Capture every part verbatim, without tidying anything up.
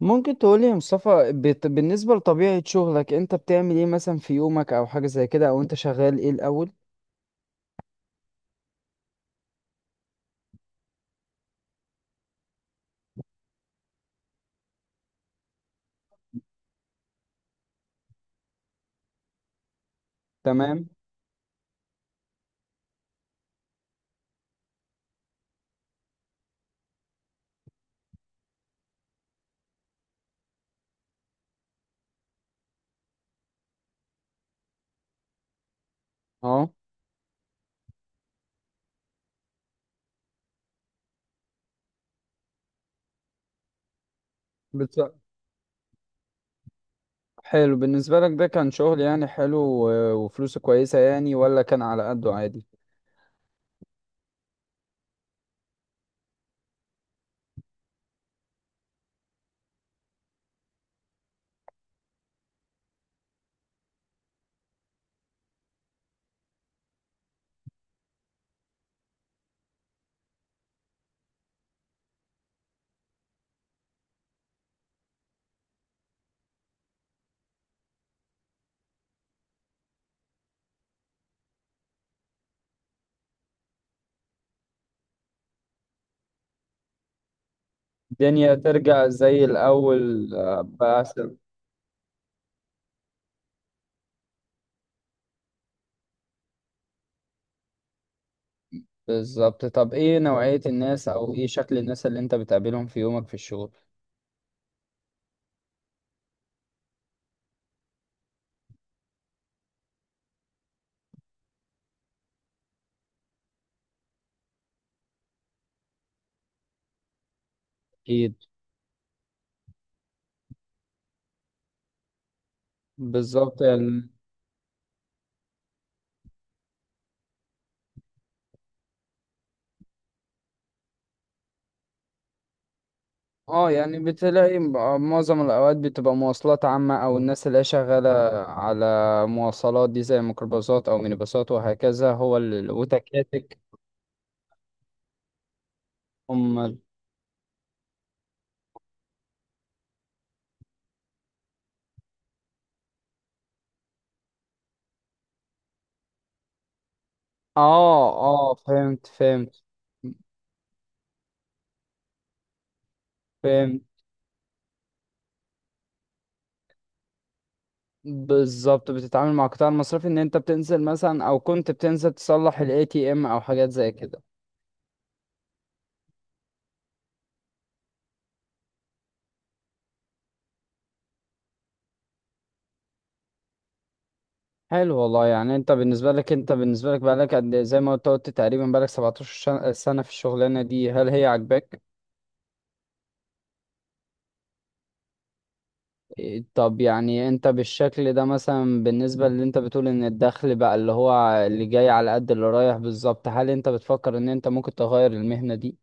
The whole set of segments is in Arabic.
ممكن تقولي يا مصطفى بت... بالنسبة لطبيعة شغلك انت بتعمل ايه مثلا في يومك او حاجة زي كده، او انت شغال ايه الاول؟ تمام. اه. بت... حلو، بالنسبة لك ده كان شغل يعني حلو و... وفلوسه كويسة، يعني ولا كان على قده عادي؟ الدنيا ترجع زي الأول، آه، بس. بالظبط. طب ايه نوعية الناس او ايه شكل الناس اللي انت بتقابلهم في يومك في الشغل؟ أكيد. بالظبط يعني. اه يعني بتلاقي م- آه، معظم الأوقات بتبقى مواصلات عامة، أو الناس اللي هي شغالة على مواصلات دي، زي ميكروباصات أو مينيباصات وهكذا، هو ال- وتكاتك؟ هم ال- اه اه، فهمت فهمت فهمت. بالظبط، بتتعامل مع القطاع المصرفي، إن أنت بتنزل مثلا أو كنت بتنزل تصلح ال A T M أو حاجات زي كده. حلو والله. يعني انت بالنسبة لك، انت بالنسبة لك بقالك قد ايه؟ زي ما قلت قلت تقريبا بقالك سبعتاشر شن- سنة في الشغلانة دي، هل هي عاجباك؟ طب يعني انت بالشكل ده مثلا، بالنسبة اللي انت بتقول ان الدخل بقى اللي هو اللي جاي على قد اللي رايح بالظبط، هل انت بتفكر ان انت ممكن تغير المهنة دي؟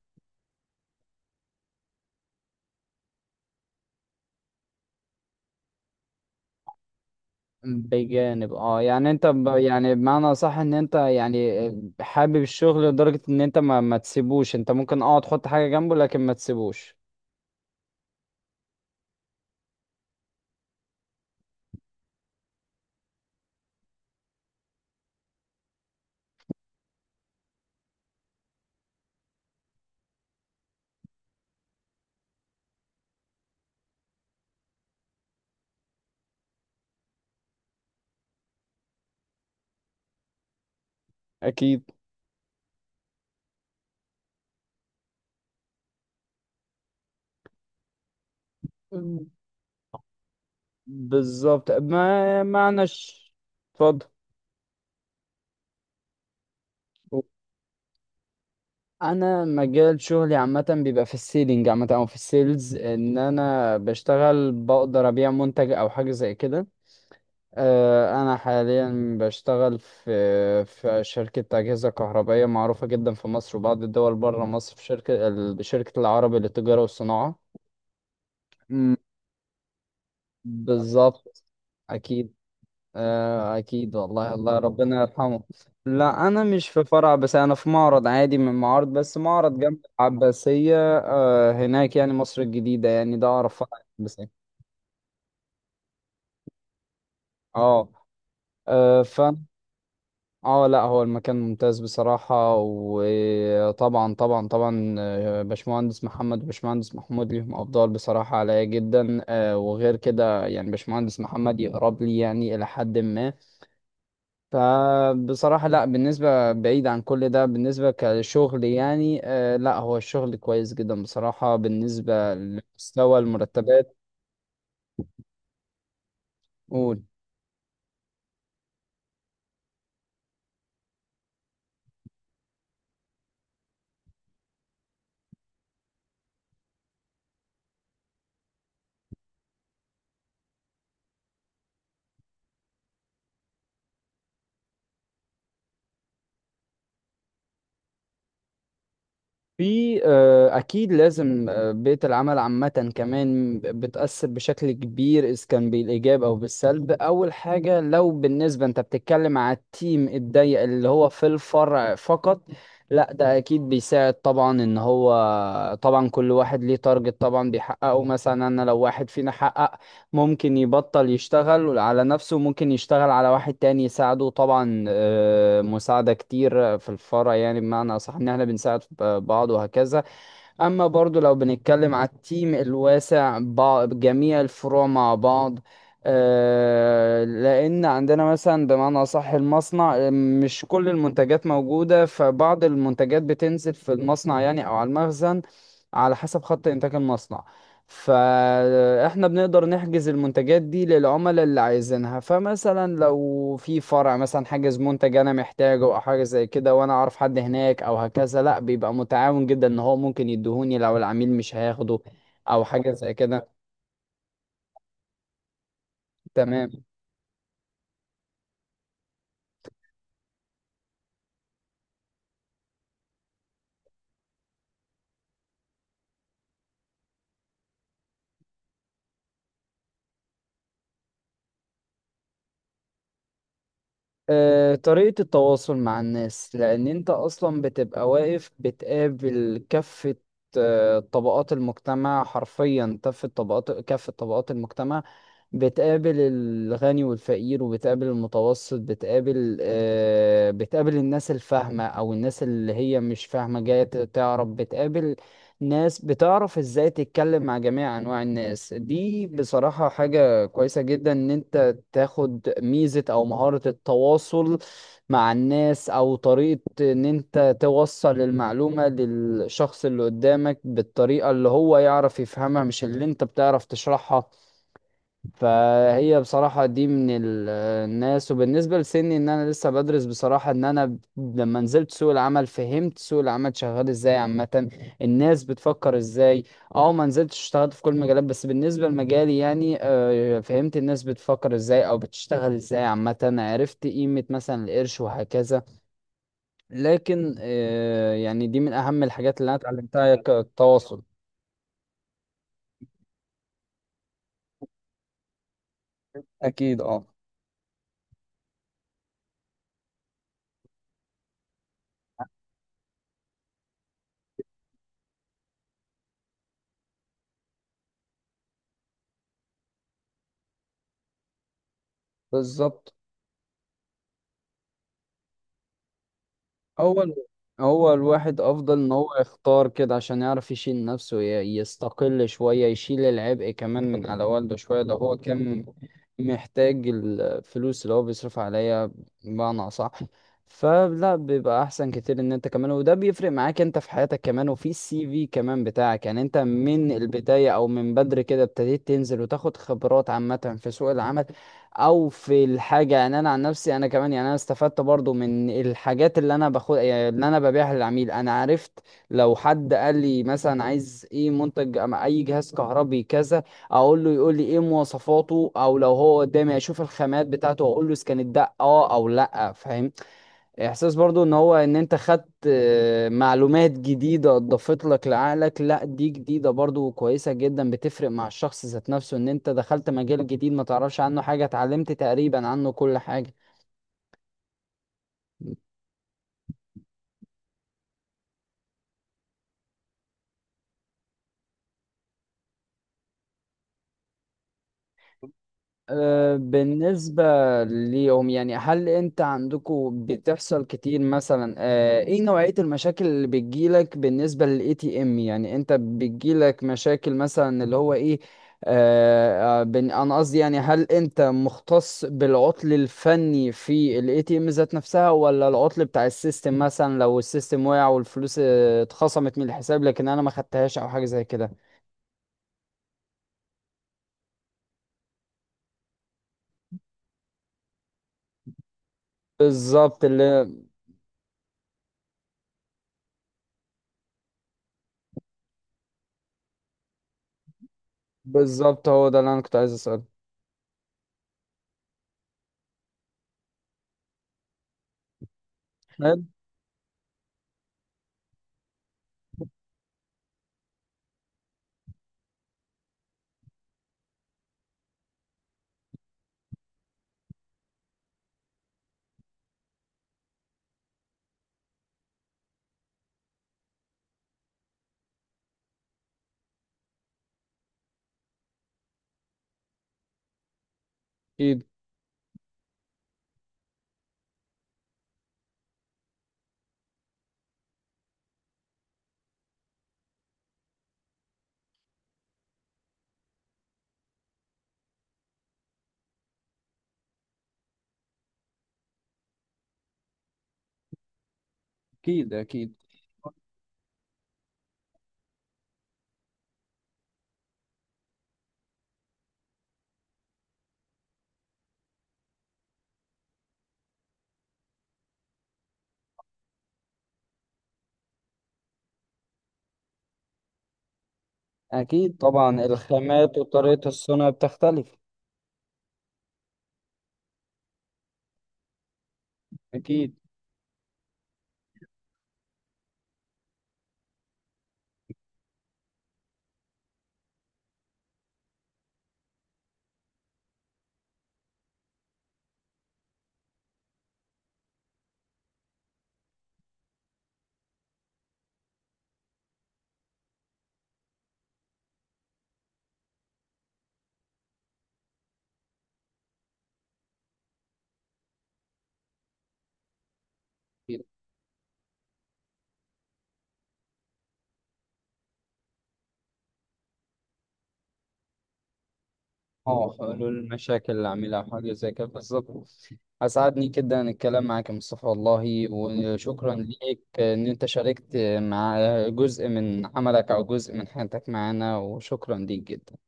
بجانب اه. يعني انت ب... يعني بمعنى صح ان انت يعني حابب الشغل لدرجة ان انت ما, ما تسيبوش، انت ممكن اه تحط حاجة جنبه لكن ما تسيبوش. اكيد. مم. بالظبط. ما معنى ش- اتفضل. انا مجال شغلي عامه بيبقى في السيلينج عامه، او في السيلز، ان انا بشتغل بقدر ابيع منتج او حاجه زي كده. آه، انا حاليا بشتغل في في شركه اجهزه كهربائيه معروفه جدا في مصر وبعض الدول بره مصر، في شركه ال- شركه العربي للتجاره والصناعه. امم. بالظبط. اكيد. آه، أكيد والله، الله ربنا يرحمه. لا أنا مش في فرع، بس أنا في معرض عادي من معارض، بس معرض جنب العباسية آه، هناك يعني، مصر الجديدة يعني، ده أعرف فرع العباسية. اه. آه، فأنا اه. لا هو المكان ممتاز بصراحة، وطبعا طبعا طبعا آه، باشمهندس محمد وباشمهندس محمود ليهم أفضال بصراحة عليا جدا، آه، وغير كده يعني باشمهندس محمد يقرب لي يعني إلى حد ما. فبصراحة، لا بالنسبة بعيد عن كل ده، بالنسبة كشغل يعني، آه لا هو الشغل كويس جدا بصراحة بالنسبة لمستوى المرتبات. قول. في آه، أكيد لازم، آه، بيئة العمل عامة كمان بتأثر بشكل كبير، إذا كان بالإيجاب أو بالسلب. أول حاجة، لو بالنسبة أنت بتتكلم على التيم الضيق اللي هو في الفرع فقط، لا ده أكيد بيساعد طبعا، إن هو طبعا كل واحد ليه تارجت طبعا بيحققه. مثلا أنا لو واحد فينا حقق، ممكن يبطل يشتغل على نفسه وممكن يشتغل على واحد تاني يساعده، طبعا آه، مساعدة كتير في الفرع، يعني بمعنى أصح إن احنا بنساعد ب- بعض وهكذا. أما برضو لو بنتكلم على التيم الواسع بع- جميع الفروع مع بعض، آه، لأن عندنا مثلا بمعنى أصح المصنع، آه، مش كل المنتجات موجودة، فبعض المنتجات بتنزل في المصنع يعني أو على المخزن، على حسب خط إنتاج المصنع. فاحنا بنقدر نحجز المنتجات دي للعملاء اللي عايزينها. فمثلا لو في فرع مثلا حاجز منتج انا محتاجه او حاجه زي كده، وانا اعرف حد هناك او هكذا، لا بيبقى متعاون جدا ان هو ممكن يديهوني لو العميل مش هياخده او حاجه زي كده. تمام. آه، طريقة التواصل مع الناس، لأن أنت أصلا بتبقى واقف بتقابل كافة آه، طبقات المجتمع، حرفيا كافة طبقات، كافة طبقات المجتمع. بتقابل الغني والفقير، وبتقابل المتوسط، بتقابل آه، بتقابل الناس الفاهمة أو الناس اللي هي مش فاهمة جاية ت- تعرف، بتقابل ناس. بتعرف ازاي تتكلم مع جميع انواع الناس دي، بصراحة حاجة كويسة جدا ان انت تاخد ميزة او مهارة التواصل مع الناس، او طريقة ان انت توصل المعلومة للشخص اللي قدامك بالطريقة اللي هو يعرف يفهمها، مش اللي انت بتعرف تشرحها. فهي بصراحة دي من ال- الناس. وبالنسبة لسني ان انا لسه بدرس، بصراحة ان انا ب- لما نزلت سوق العمل فهمت سوق العمل شغال ازاي عامة، الناس بتفكر ازاي. اه، ما نزلتش اشتغلت في كل المجالات، بس بالنسبة لمجالي يعني آه، فهمت الناس بتفكر ازاي او بتشتغل ازاي عامة، عرفت قيمة مثلا القرش وهكذا. لكن آه، يعني دي من اهم الحاجات اللي انا اتعلمتها، ك- التواصل. اكيد اه. بالظبط. اول هو الواحد افضل ان هو يختار كده عشان يعرف يشيل نفسه، ي- يستقل شوية، يشيل العبء كمان من على والده شوية لو هو كان محتاج الفلوس اللي هو بيصرف عليها، بمعنى اصح. فلا بيبقى احسن كتير ان انت كمان، وده بيفرق معاك انت في حياتك كمان، وفي السي في كمان بتاعك، يعني انت من البداية او من بدري كده ابتديت تنزل وتاخد خبرات عامة في سوق العمل او في الحاجه. يعني انا عن نفسي انا كمان، يعني انا استفدت برضو من الحاجات اللي انا باخد، يعني اللي انا ببيعها للعميل، انا عرفت لو حد قال لي مثلا عايز ايه منتج أم اي جهاز كهربي كذا، اقول له، يقول لي ايه مواصفاته، او لو هو قدامي اشوف الخامات بتاعته واقول له اذا كانت ده اه او لا، فاهمني؟ احساس برضو ان هو ان انت خدت آه، معلومات جديدة اضافت لك لعقلك، لا دي جديدة برضو كويسة جدا، بتفرق مع الشخص ذات نفسه ان انت دخلت مجال جديد ما تعرفش عنه حاجة اتعلمت تقريبا عنه كل حاجة. أه، بالنسبة ليهم يعني، هل انت عندكم بتحصل كتير مثلا أه، ايه نوعية المشاكل اللي بتجيلك بالنسبة للاي تي ام، يعني انت بتجيلك مشاكل مثلا اللي هو ايه؟ أه، أه، بن- انا قصدي يعني، هل انت مختص بالعطل الفني في الاي تي ام ذات نفسها، ولا العطل بتاع السيستم، مثلا لو السيستم وقع والفلوس أه، اتخصمت من الحساب لكن انا ما خدتهاش او حاجة زي كده. بالظبط اللي، بالظبط هو ده اللي انا كنت عايز اسأله. حلو. أكيد أكيد. أكيد طبعا الخامات وطريقة الصنع بتختلف. أكيد. أكيد. أه حلول المشاكل اللي عاملها حاجة زي كده بالظبط. أسعدني جدا الكلام معاك يا مصطفى والله، وشكرا ليك إن أنت شاركت مع جزء من عملك أو جزء من حياتك معانا، وشكرا ليك جدا.